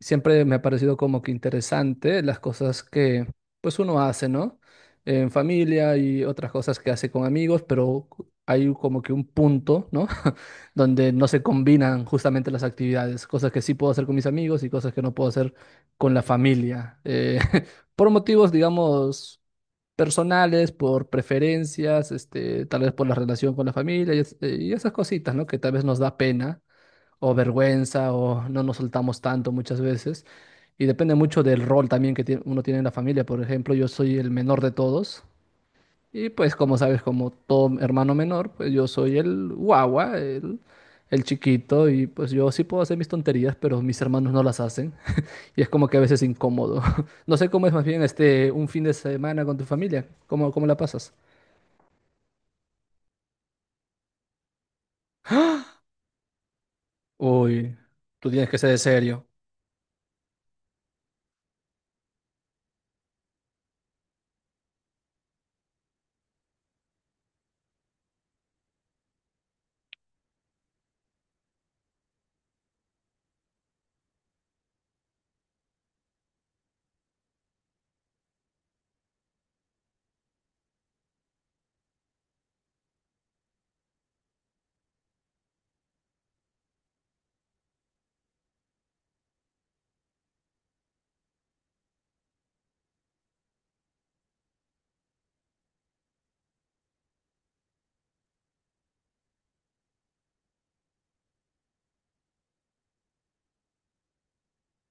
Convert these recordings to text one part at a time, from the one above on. Siempre me ha parecido como que interesante las cosas que pues uno hace, ¿no? En familia y otras cosas que hace con amigos, pero hay como que un punto, ¿no? Donde no se combinan justamente las actividades, cosas que sí puedo hacer con mis amigos y cosas que no puedo hacer con la familia. Por motivos, digamos, personales, por preferencias, este, tal vez por la relación con la familia y, y esas cositas, ¿no? Que tal vez nos da pena o vergüenza o no nos soltamos tanto muchas veces. Y depende mucho del rol también que uno tiene en la familia. Por ejemplo, yo soy el menor de todos y pues como sabes, como todo hermano menor, pues yo soy el guagua, el chiquito y pues yo sí puedo hacer mis tonterías, pero mis hermanos no las hacen y es como que a veces incómodo. No sé, cómo es más bien este un fin de semana con tu familia, ¿cómo, cómo la pasas? Uy, tú tienes que ser serio.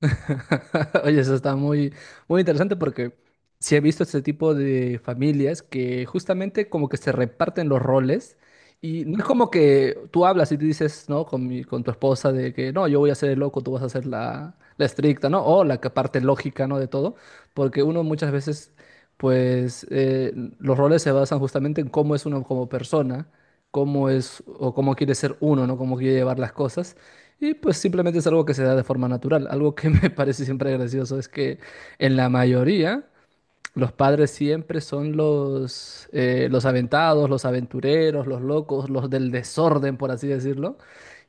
Oye, eso está muy, muy interesante porque sí he visto este tipo de familias que justamente como que se reparten los roles y no es como que tú hablas y te dices, ¿no? Con mi, con tu esposa de que no, yo voy a ser el loco, tú vas a ser la, la estricta, ¿no? O la que parte lógica, ¿no? De todo, porque uno muchas veces, pues, los roles se basan justamente en cómo es uno como persona, cómo es o cómo quiere ser uno, ¿no? Cómo quiere llevar las cosas. Y pues simplemente es algo que se da de forma natural. Algo que me parece siempre gracioso es que en la mayoría los padres siempre son los aventados, los aventureros, los locos, los del desorden, por así decirlo.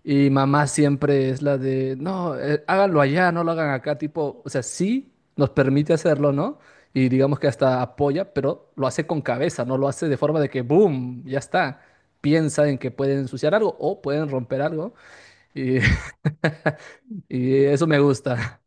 Y mamá siempre es la de, no, háganlo allá, no lo hagan acá, tipo, o sea, sí nos permite hacerlo, ¿no? Y digamos que hasta apoya, pero lo hace con cabeza, no lo hace de forma de que, boom, ya está. Piensa en que pueden ensuciar algo o pueden romper algo. Y y eso me gusta.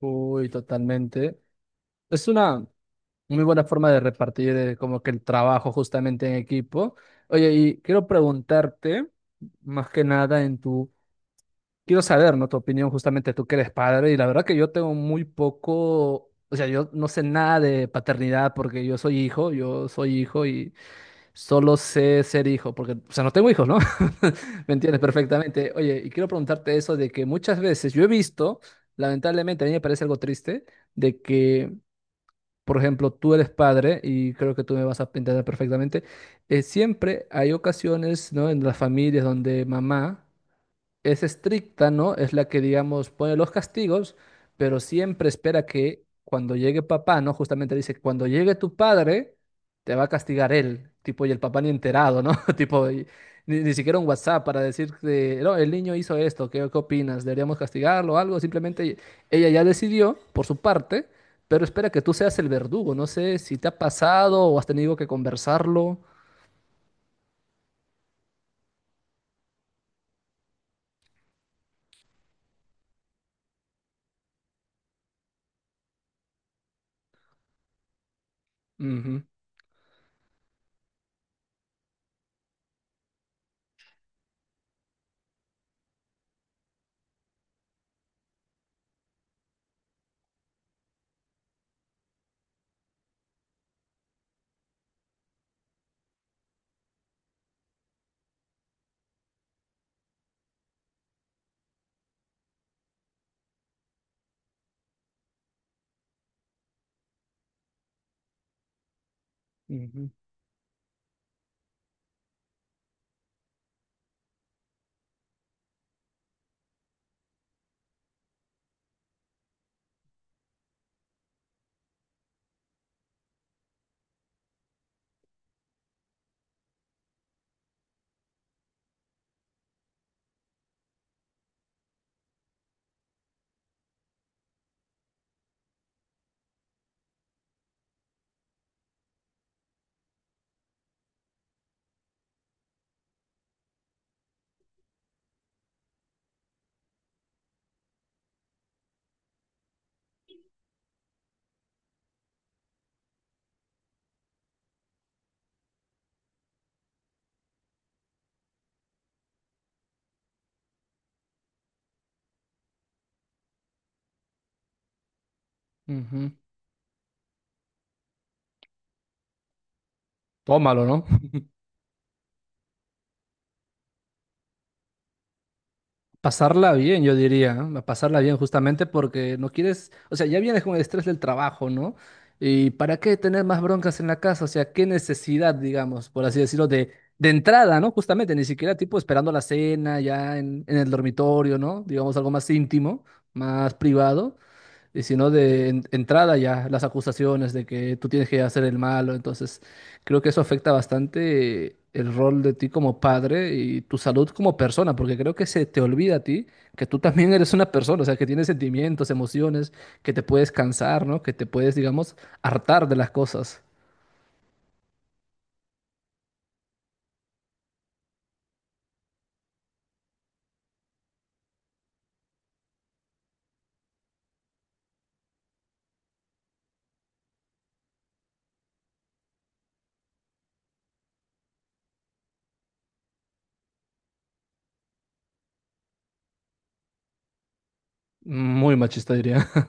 Uy, totalmente. Es una muy buena forma de repartir como que el trabajo justamente en equipo. Oye, y quiero preguntarte, más que nada en tu, quiero saber, ¿no? Tu opinión justamente, tú que eres padre, y la verdad que yo tengo muy poco, o sea, yo no sé nada de paternidad porque yo soy hijo y. Solo sé ser hijo, porque, o sea, no tengo hijos, ¿no? ¿Me entiendes perfectamente? Oye, y quiero preguntarte eso de que muchas veces yo he visto, lamentablemente, a mí me parece algo triste, de que, por ejemplo, tú eres padre, y creo que tú me vas a entender perfectamente, siempre hay ocasiones, ¿no? En las familias donde mamá es estricta, ¿no? Es la que, digamos, pone los castigos, pero siempre espera que cuando llegue papá, ¿no? Justamente dice, cuando llegue tu padre, te va a castigar él, tipo, y el papá ni enterado, ¿no? Tipo, y ni siquiera un WhatsApp para decir, que, no, el niño hizo esto, ¿qué, qué opinas? ¿Deberíamos castigarlo o algo? Simplemente ella ya decidió por su parte, pero espera que tú seas el verdugo. No sé si te ha pasado o has tenido que conversarlo. Ujú, ujú, ujú. Tómalo, ¿no? Pasarla bien, yo diría, ¿no? A pasarla bien justamente porque no quieres, o sea, ya vienes con el estrés del trabajo, ¿no? ¿Y para qué tener más broncas en la casa? O sea, qué necesidad, digamos, por así decirlo, de entrada, ¿no? Justamente, ni siquiera tipo esperando la cena ya en el dormitorio, ¿no? Digamos algo más íntimo, más privado. Y si no, de entrada ya, las acusaciones de que tú tienes que hacer el malo. Entonces, creo que eso afecta bastante el rol de ti como padre y tu salud como persona, porque creo que se te olvida a ti que tú también eres una persona, o sea, que tienes sentimientos, emociones, que te puedes cansar, ¿no? Que te puedes, digamos, hartar de las cosas. Muy machista, diría.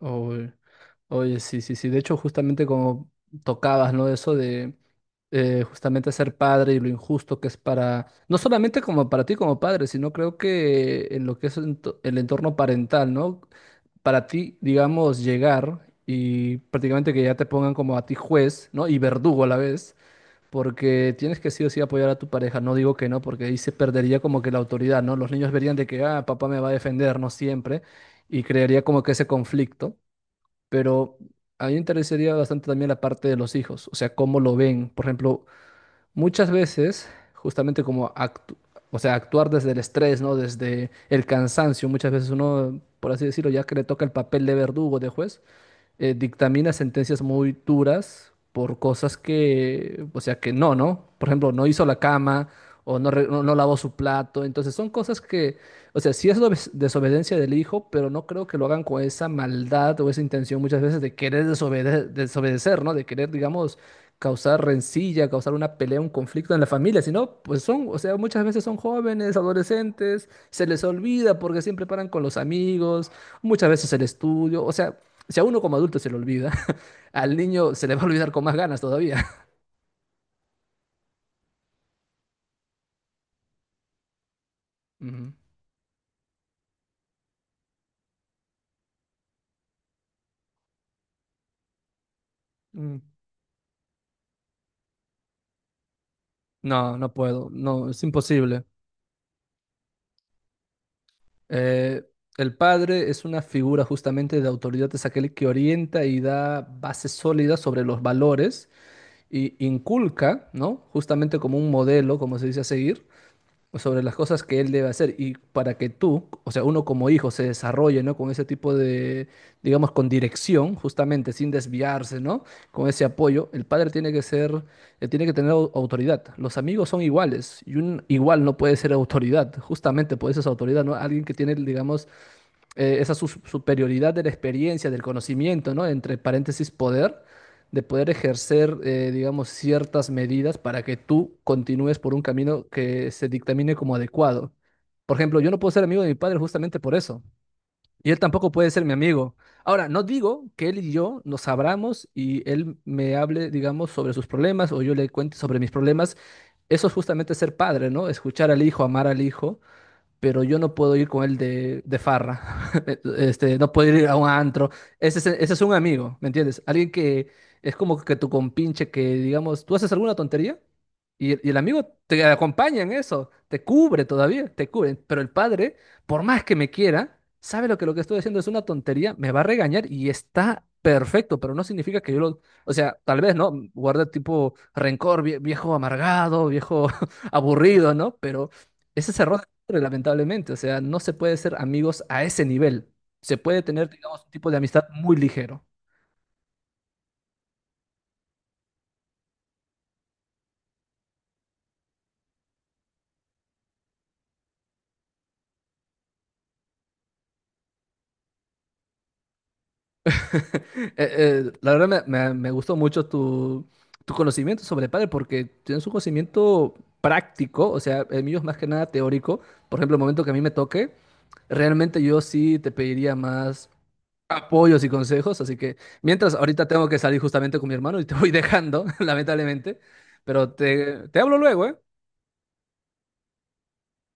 Oh, oye, sí, sí, sí. De hecho, justamente como tocabas, ¿no? Eso de justamente ser padre y lo injusto que es para, no solamente como para ti como padre, sino creo que en lo que es el entorno parental, ¿no? Para ti, digamos, llegar y prácticamente que ya te pongan como a ti juez, ¿no? Y verdugo a la vez, porque tienes que sí o sí apoyar a tu pareja. No digo que no, porque ahí se perdería como que la autoridad, ¿no? Los niños verían de que, ah, papá me va a defender, no siempre, y crearía como que ese conflicto, pero a mí me interesaría bastante también la parte de los hijos, o sea, cómo lo ven. Por ejemplo, muchas veces, justamente como o sea, actuar desde el estrés, ¿no? Desde el cansancio, muchas veces uno, por así decirlo, ya que le toca el papel de verdugo, de juez, dictamina sentencias muy duras por cosas que, o sea, que no, ¿no? Por ejemplo, no hizo la cama o no, no lavó su plato. Entonces son cosas que, o sea, sí es desobediencia del hijo, pero no creo que lo hagan con esa maldad o esa intención muchas veces de querer desobedecer, ¿no? De querer, digamos, causar rencilla, causar una pelea, un conflicto en la familia, sino, pues son, o sea, muchas veces son jóvenes, adolescentes, se les olvida porque siempre paran con los amigos, muchas veces el estudio, o sea, si a uno como adulto se le olvida, al niño se le va a olvidar con más ganas todavía. Ujú. Mm. No, no puedo, no, es imposible. Eh, el padre es una figura justamente de autoridad, es aquel que orienta y da bases sólidas sobre los valores y inculca, ¿no? Justamente como un modelo, como se dice a seguir, sobre las cosas que él debe hacer y para que tú, o sea, uno como hijo se desarrolle, ¿no? Con ese tipo de, digamos, con dirección, justamente, sin desviarse, ¿no? Con ese apoyo, el padre tiene que ser, tiene que tener autoridad. Los amigos son iguales y un igual no puede ser autoridad, justamente por eso es autoridad, ¿no? Alguien que tiene, digamos, esa superioridad de la experiencia, del conocimiento, ¿no? Entre paréntesis, poder, de poder ejercer, digamos, ciertas medidas para que tú continúes por un camino que se dictamine como adecuado. Por ejemplo, yo no puedo ser amigo de mi padre justamente por eso. Y él tampoco puede ser mi amigo. Ahora, no digo que él y yo nos abramos y él me hable, digamos, sobre sus problemas o yo le cuente sobre mis problemas. Eso es justamente ser padre, ¿no? Escuchar al hijo, amar al hijo, pero yo no puedo ir con él de farra, este, no puedo ir a un antro. Ese es un amigo, ¿me entiendes? Alguien que es como que tu compinche, que digamos, tú haces alguna tontería y, y el amigo te acompaña en eso, te cubre todavía, te cubre. Pero el padre, por más que me quiera, sabe lo que estoy haciendo es una tontería, me va a regañar y está perfecto, pero no significa que yo lo... O sea, tal vez, ¿no? Guarde tipo rencor, viejo amargado, viejo aburrido, ¿no? Pero... Ese es error, lamentablemente. O sea, no se puede ser amigos a ese nivel. Se puede tener, digamos, un tipo de amistad muy ligero. La verdad me, me gustó mucho tu, tu conocimiento sobre padre porque tienes un conocimiento práctico, o sea, el mío es más que nada teórico. Por ejemplo, el momento que a mí me toque, realmente yo sí te pediría más apoyos y consejos. Así que mientras ahorita tengo que salir justamente con mi hermano y te voy dejando, lamentablemente, pero te hablo luego, ¿eh?